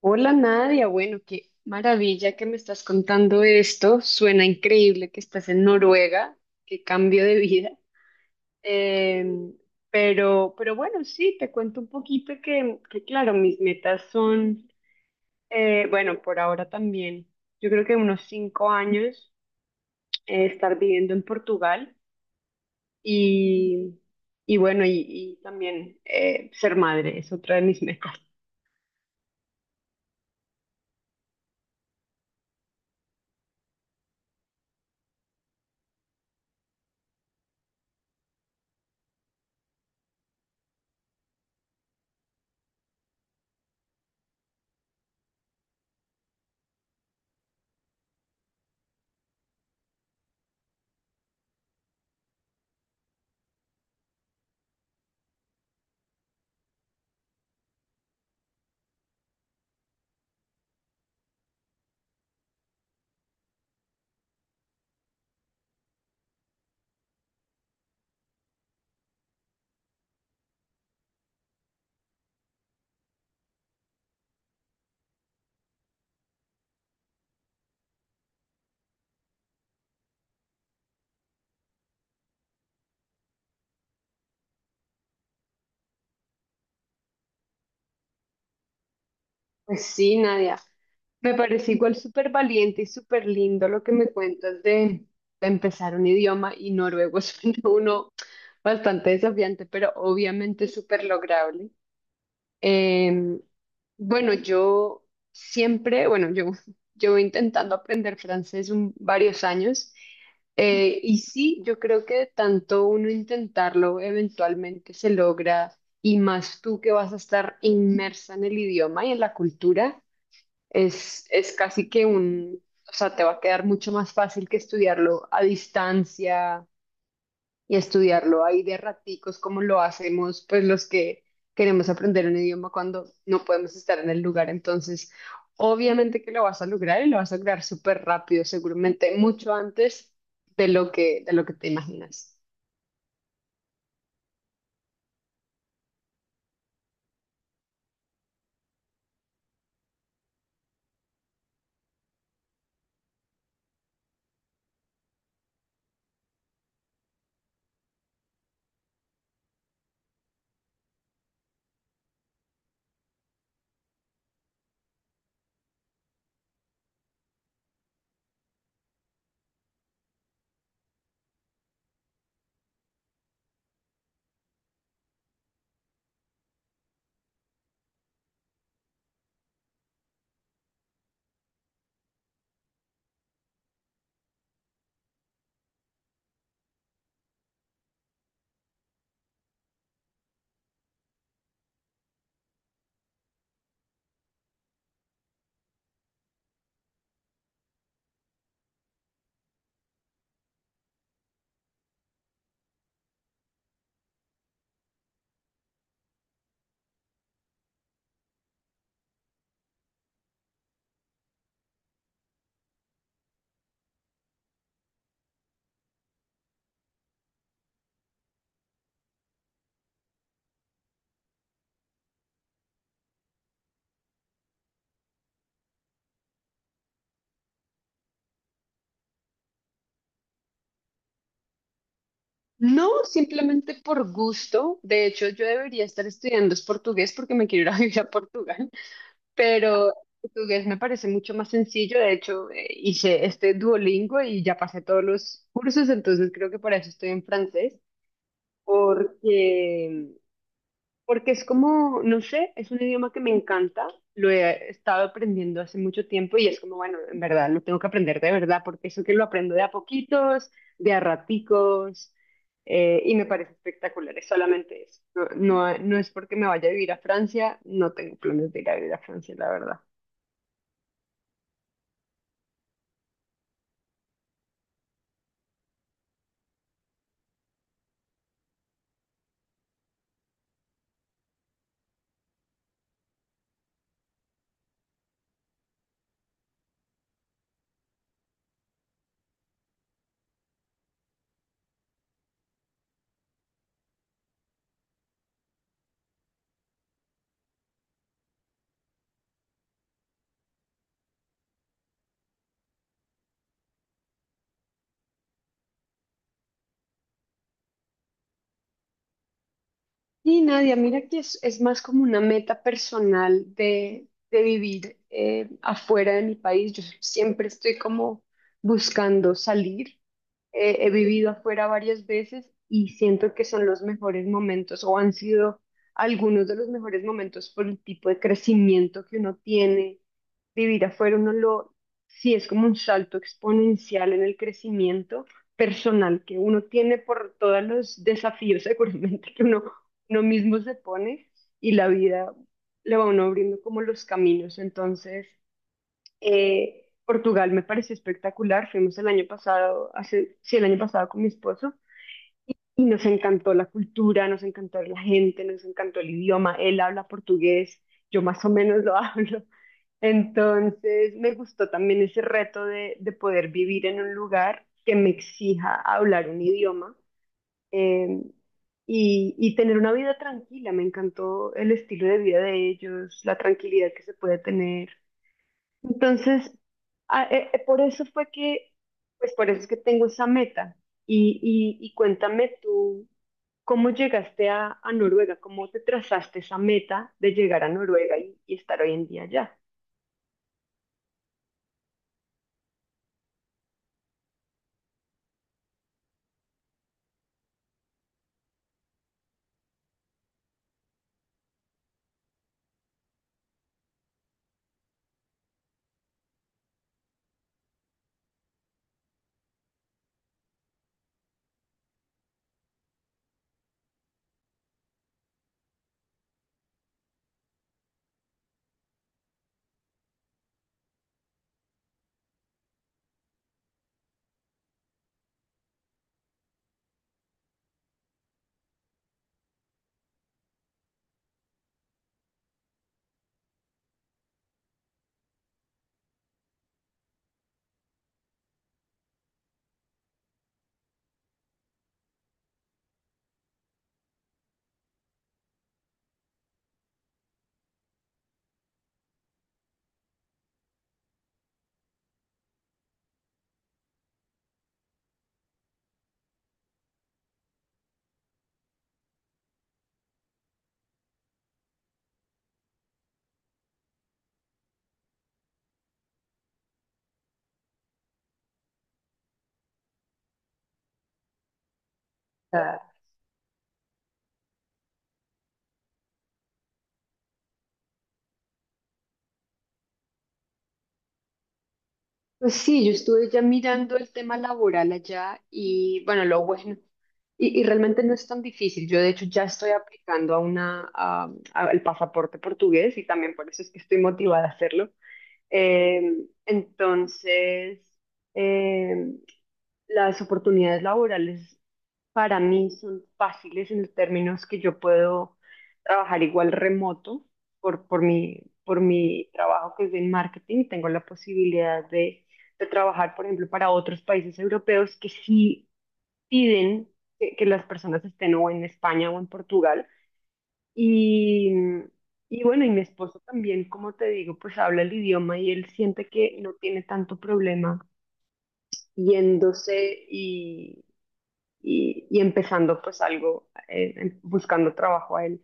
Hola Nadia, bueno, qué maravilla que me estás contando esto. Suena increíble que estás en Noruega, qué cambio de vida. Em, pero bueno, sí, te cuento un poquito que claro, mis metas son, bueno, por ahora también, yo creo que unos 5 años estar viviendo en Portugal y, y bueno, y también ser madre es otra de mis metas. Pues sí, Nadia. Me parece igual súper valiente y súper lindo lo que me cuentas de empezar un idioma y noruego suena uno bastante desafiante, pero obviamente súper lograble. Eh, bueno, yo siempre, bueno, yo llevo intentando aprender francés varios años y sí, yo creo que de tanto uno intentarlo eventualmente se logra y más tú que vas a estar inmersa en el idioma y en la cultura. Es casi que un, o sea, te va a quedar mucho más fácil que estudiarlo a distancia y estudiarlo ahí de raticos como lo hacemos pues los que queremos aprender un idioma cuando no podemos estar en el lugar. Entonces, obviamente que lo vas a lograr y lo vas a lograr súper rápido, seguramente mucho antes de lo de lo que te imaginas. No, simplemente por gusto. De hecho, yo debería estar estudiando es portugués porque me quiero ir a vivir a Portugal. Pero portugués me parece mucho más sencillo. De hecho, hice este Duolingo y ya pasé todos los cursos, entonces creo que por eso estoy en francés, porque, porque es como, no sé, es un idioma que me encanta, lo he estado aprendiendo hace mucho tiempo y es como, bueno, en verdad, lo tengo que aprender de verdad, porque eso que lo aprendo de a poquitos, de a raticos. Y me parece espectacular, es solamente eso. No, no es porque me vaya a vivir a Francia, no tengo planes de ir a vivir a Francia, la verdad. Y Nadia, mira que es más como una meta personal de vivir afuera de mi país. Yo siempre estoy como buscando salir. He vivido afuera varias veces y siento que son los mejores momentos o han sido algunos de los mejores momentos por el tipo de crecimiento que uno tiene. Vivir afuera, sí es como un salto exponencial en el crecimiento personal que uno tiene por todos los desafíos seguramente que uno mismo se pone y la vida le va a uno abriendo como los caminos. Entonces, Portugal me pareció espectacular. Fuimos el año pasado, hace, sí, el año pasado con mi esposo y nos encantó la cultura, nos encantó la gente, nos encantó el idioma. Él habla portugués, yo más o menos lo hablo. Entonces, me gustó también ese reto de poder vivir en un lugar que me exija hablar un idioma eh, y tener una vida tranquila. Me encantó el estilo de vida de ellos, la tranquilidad que se puede tener. Entonces, a- por eso fue que, pues por eso es que tengo esa meta. Y cuéntame tú, ¿cómo llegaste a Noruega? ¿Cómo te trazaste esa meta de llegar a Noruega y estar hoy en día allá? O Pues sí, yo estuve ya mirando el tema laboral allá y bueno, lo bueno. Y realmente no es tan difícil. Yo de hecho ya estoy aplicando a al pasaporte portugués y también por eso es que estoy motivada a hacerlo. Eh, entonces, eh, las oportunidades laborales para mí son fáciles en los términos que yo puedo trabajar igual remoto por mi trabajo que es en marketing. Tengo la posibilidad de trabajar, por ejemplo, para otros países europeos que sí piden que las personas estén o en España o en Portugal. Y, y bueno, y mi esposo también, como te digo, pues habla el idioma y él siente que no tiene tanto problema yéndose y, y empezando pues algo, buscando trabajo a él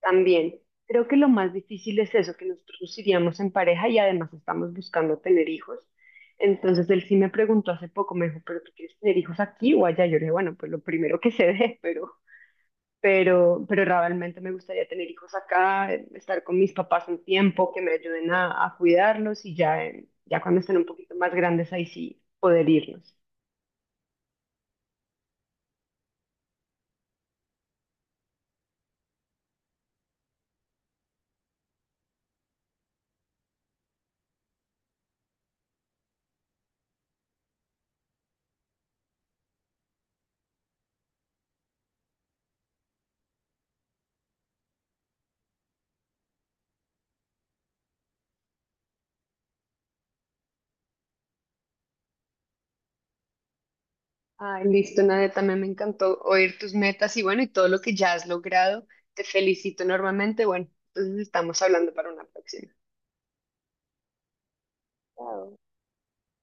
también. Creo que lo más difícil es eso, que nosotros nos iríamos en pareja y además estamos buscando tener hijos. Entonces él sí me preguntó hace poco, me dijo, ¿pero tú quieres tener hijos aquí o allá? Yo le dije, bueno, pues lo primero que se dé, pero pero realmente me gustaría tener hijos acá, estar con mis papás un tiempo, que me ayuden a cuidarlos y ya, ya cuando estén un poquito más grandes, ahí sí poder irnos. Ay, listo, Nadia, también me encantó oír tus metas y bueno, y todo lo que ya has logrado. Te felicito enormemente. Bueno, entonces estamos hablando para una próxima. Chao.